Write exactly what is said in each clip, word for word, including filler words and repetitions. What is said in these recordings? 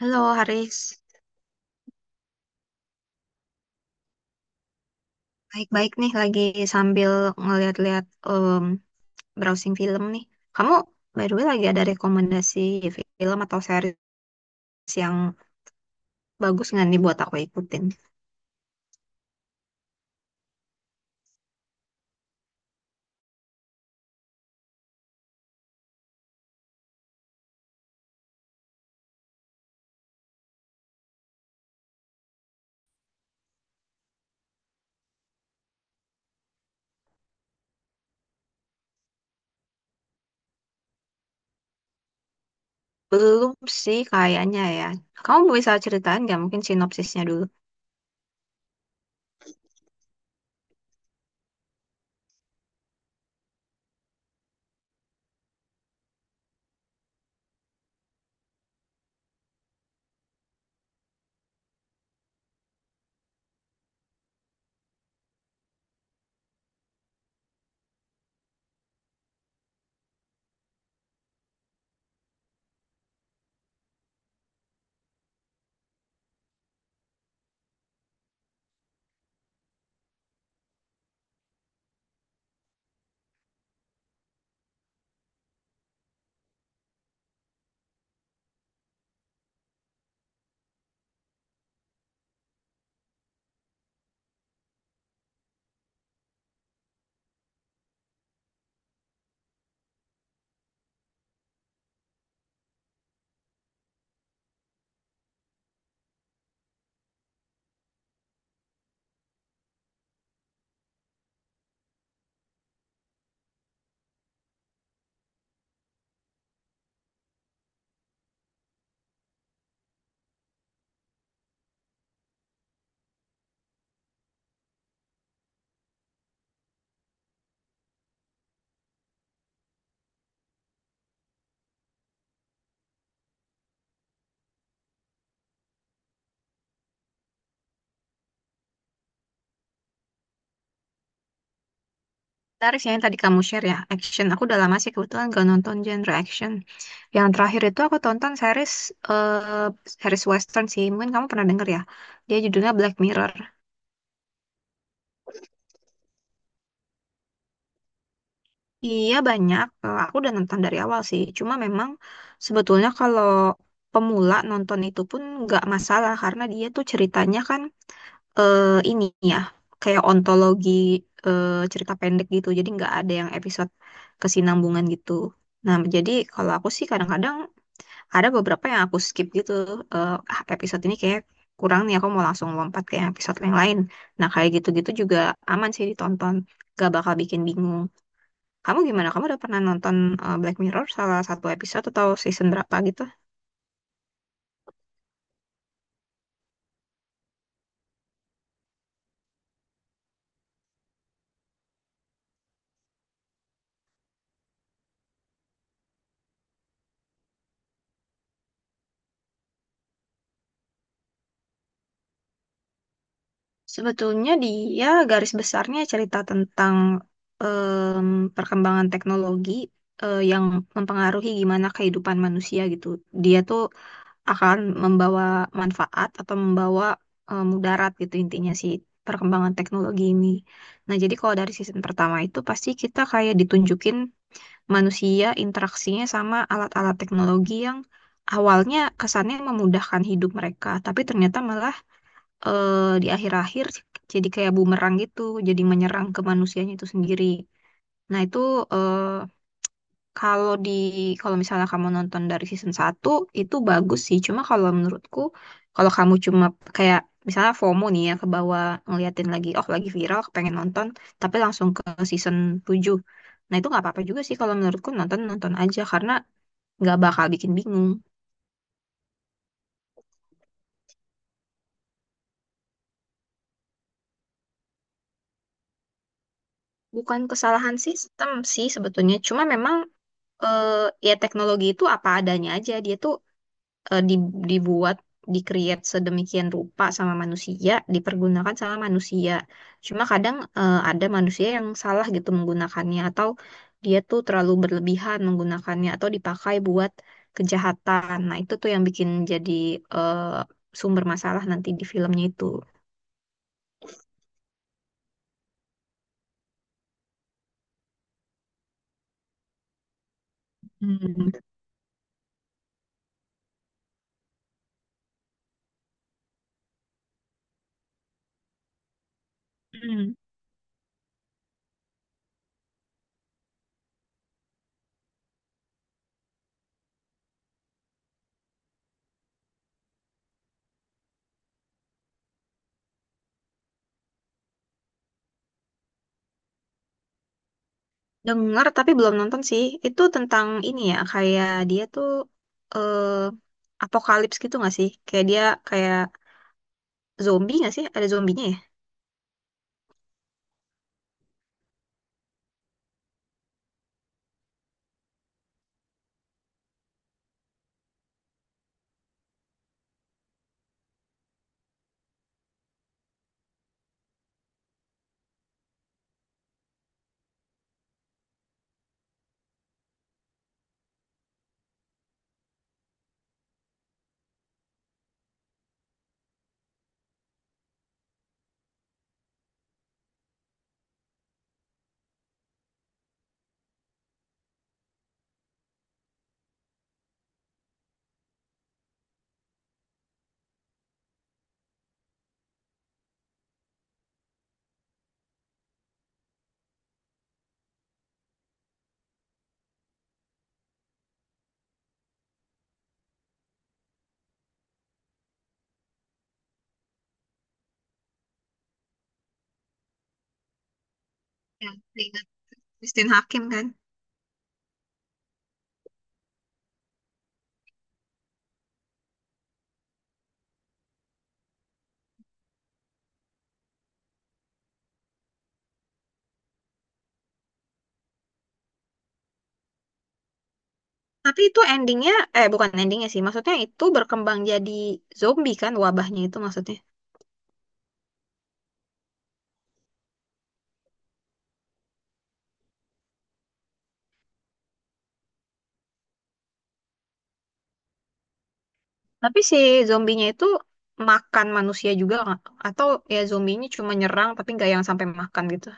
Halo Haris, baik-baik nih lagi sambil ngeliat-liat em, browsing film nih. Kamu, by the way, lagi ada rekomendasi film atau series yang bagus nggak nih buat aku ikutin? Belum sih kayaknya ya. Kamu bisa ceritain nggak mungkin sinopsisnya dulu? Tarik yang tadi kamu share ya, action. Aku udah lama sih kebetulan gak nonton genre action. Yang terakhir itu aku tonton series eh series western sih. Mungkin kamu pernah denger ya. Dia judulnya Black Mirror. Iya banyak. Eh, aku udah nonton dari awal sih. Cuma memang sebetulnya kalau pemula nonton itu pun nggak masalah karena dia tuh ceritanya kan, eh, ini ya, kayak ontologi, eh, cerita pendek gitu. Jadi nggak ada yang episode kesinambungan gitu. Nah, jadi kalau aku sih kadang-kadang ada beberapa yang aku skip gitu. Eh, ah, episode ini kayak kurang nih, aku mau langsung lompat ke episode yang lain. Nah, kayak gitu-gitu juga aman sih ditonton. Gak bakal bikin bingung. Kamu gimana? Kamu udah pernah nonton eh, Black Mirror salah satu episode atau season berapa gitu? Sebetulnya dia garis besarnya cerita tentang, em, perkembangan teknologi eh, yang mempengaruhi gimana kehidupan manusia gitu. Dia tuh akan membawa manfaat atau membawa, eh, mudarat gitu, intinya sih perkembangan teknologi ini. Nah, jadi kalau dari season pertama itu pasti kita kayak ditunjukin manusia interaksinya sama alat-alat teknologi yang awalnya kesannya memudahkan hidup mereka, tapi ternyata malah, eh, di akhir-akhir jadi kayak bumerang gitu, jadi menyerang ke manusianya itu sendiri. Nah, itu, eh, kalau di, kalau misalnya kamu nonton dari season satu itu bagus sih. Cuma kalau menurutku kalau kamu cuma kayak misalnya FOMO nih, ya ke bawah ngeliatin lagi, oh lagi viral pengen nonton, tapi langsung ke season tujuh. Nah, itu nggak apa-apa juga sih kalau menurutku, nonton-nonton aja karena nggak bakal bikin bingung. Bukan kesalahan sistem sih sebetulnya. Cuma memang, eh, ya, teknologi itu apa adanya aja. Dia tuh eh, di- dibuat, di-create sedemikian rupa sama manusia, dipergunakan sama manusia. Cuma kadang, eh, ada manusia yang salah gitu menggunakannya, atau dia tuh terlalu berlebihan menggunakannya, atau dipakai buat kejahatan. Nah, itu tuh yang bikin jadi, eh, sumber masalah nanti di filmnya itu. Hmm. Hmm. Dengar tapi belum nonton sih. Itu tentang ini ya, kayak dia tuh eh apokalips gitu nggak sih? Kayak dia kayak zombie nggak sih? Ada zombinya ya? Ya, ingat Christine Hakim kan. Tapi itu endingnya, eh bukan endingnya sih, maksudnya itu berkembang jadi zombie kan wabahnya itu, maksudnya. Tapi si zombinya itu makan manusia juga nggak? Atau ya zombinya cuma nyerang tapi nggak yang sampai makan gitu.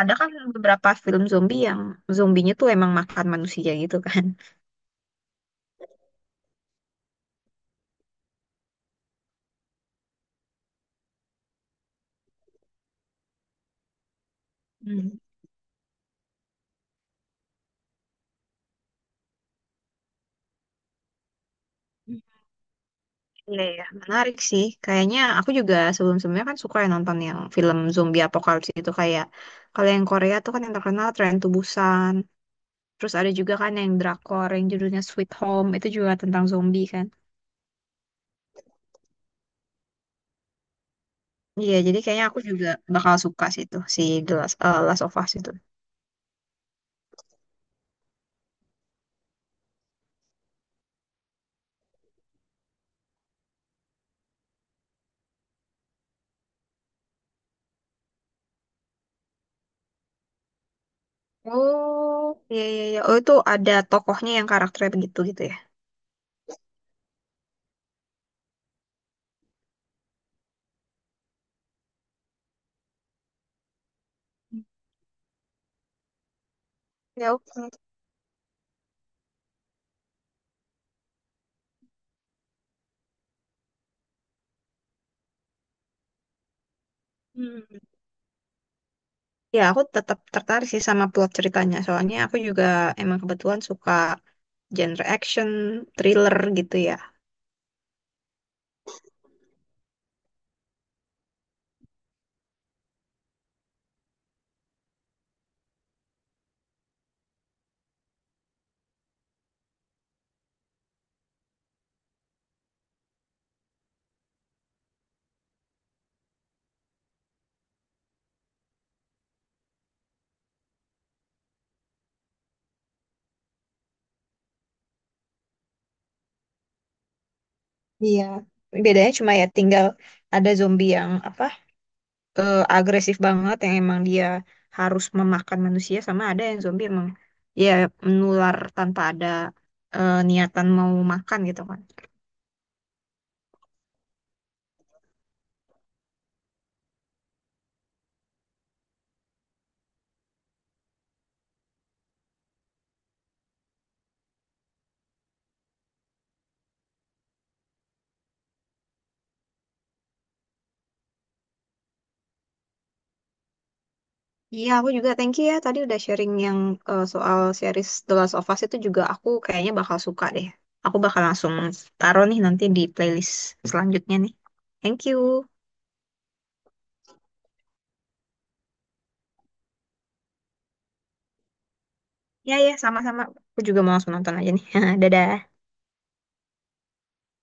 Ada kan beberapa film zombie yang zombinya tuh emang makan manusia gitu kan. Hmm. Iya, iya, menarik sih. Kayaknya aku juga sebelum-sebelumnya kan suka ya nonton yang film zombie apocalypse itu, kayak kalau yang Korea tuh kan yang terkenal Train to Busan. Terus ada juga kan yang drakor yang judulnya Sweet Home, itu juga tentang zombie kan. Iya, jadi kayaknya aku juga bakal suka sih itu si The Last, eh, Last of Us itu. Oh, iya iya iya. Oh, itu ada tokohnya yang karakternya begitu gitu ya. Ya, oke. Hmm. Ya, aku tetap tertarik sih sama plot ceritanya. Soalnya aku juga emang kebetulan suka genre action, thriller gitu ya. Iya. Bedanya cuma ya tinggal ada zombie yang apa? Eh, agresif banget yang emang dia harus memakan manusia, sama ada yang zombie emang ya menular tanpa ada, eh, niatan mau makan gitu kan. Iya, aku juga thank you ya tadi udah sharing yang, eh, soal series The Last of Us itu, juga aku kayaknya bakal suka deh. Aku bakal langsung taruh nih nanti di playlist selanjutnya nih. Thank you. Ya ya, sama-sama. Aku juga mau langsung nonton aja nih. Dadah.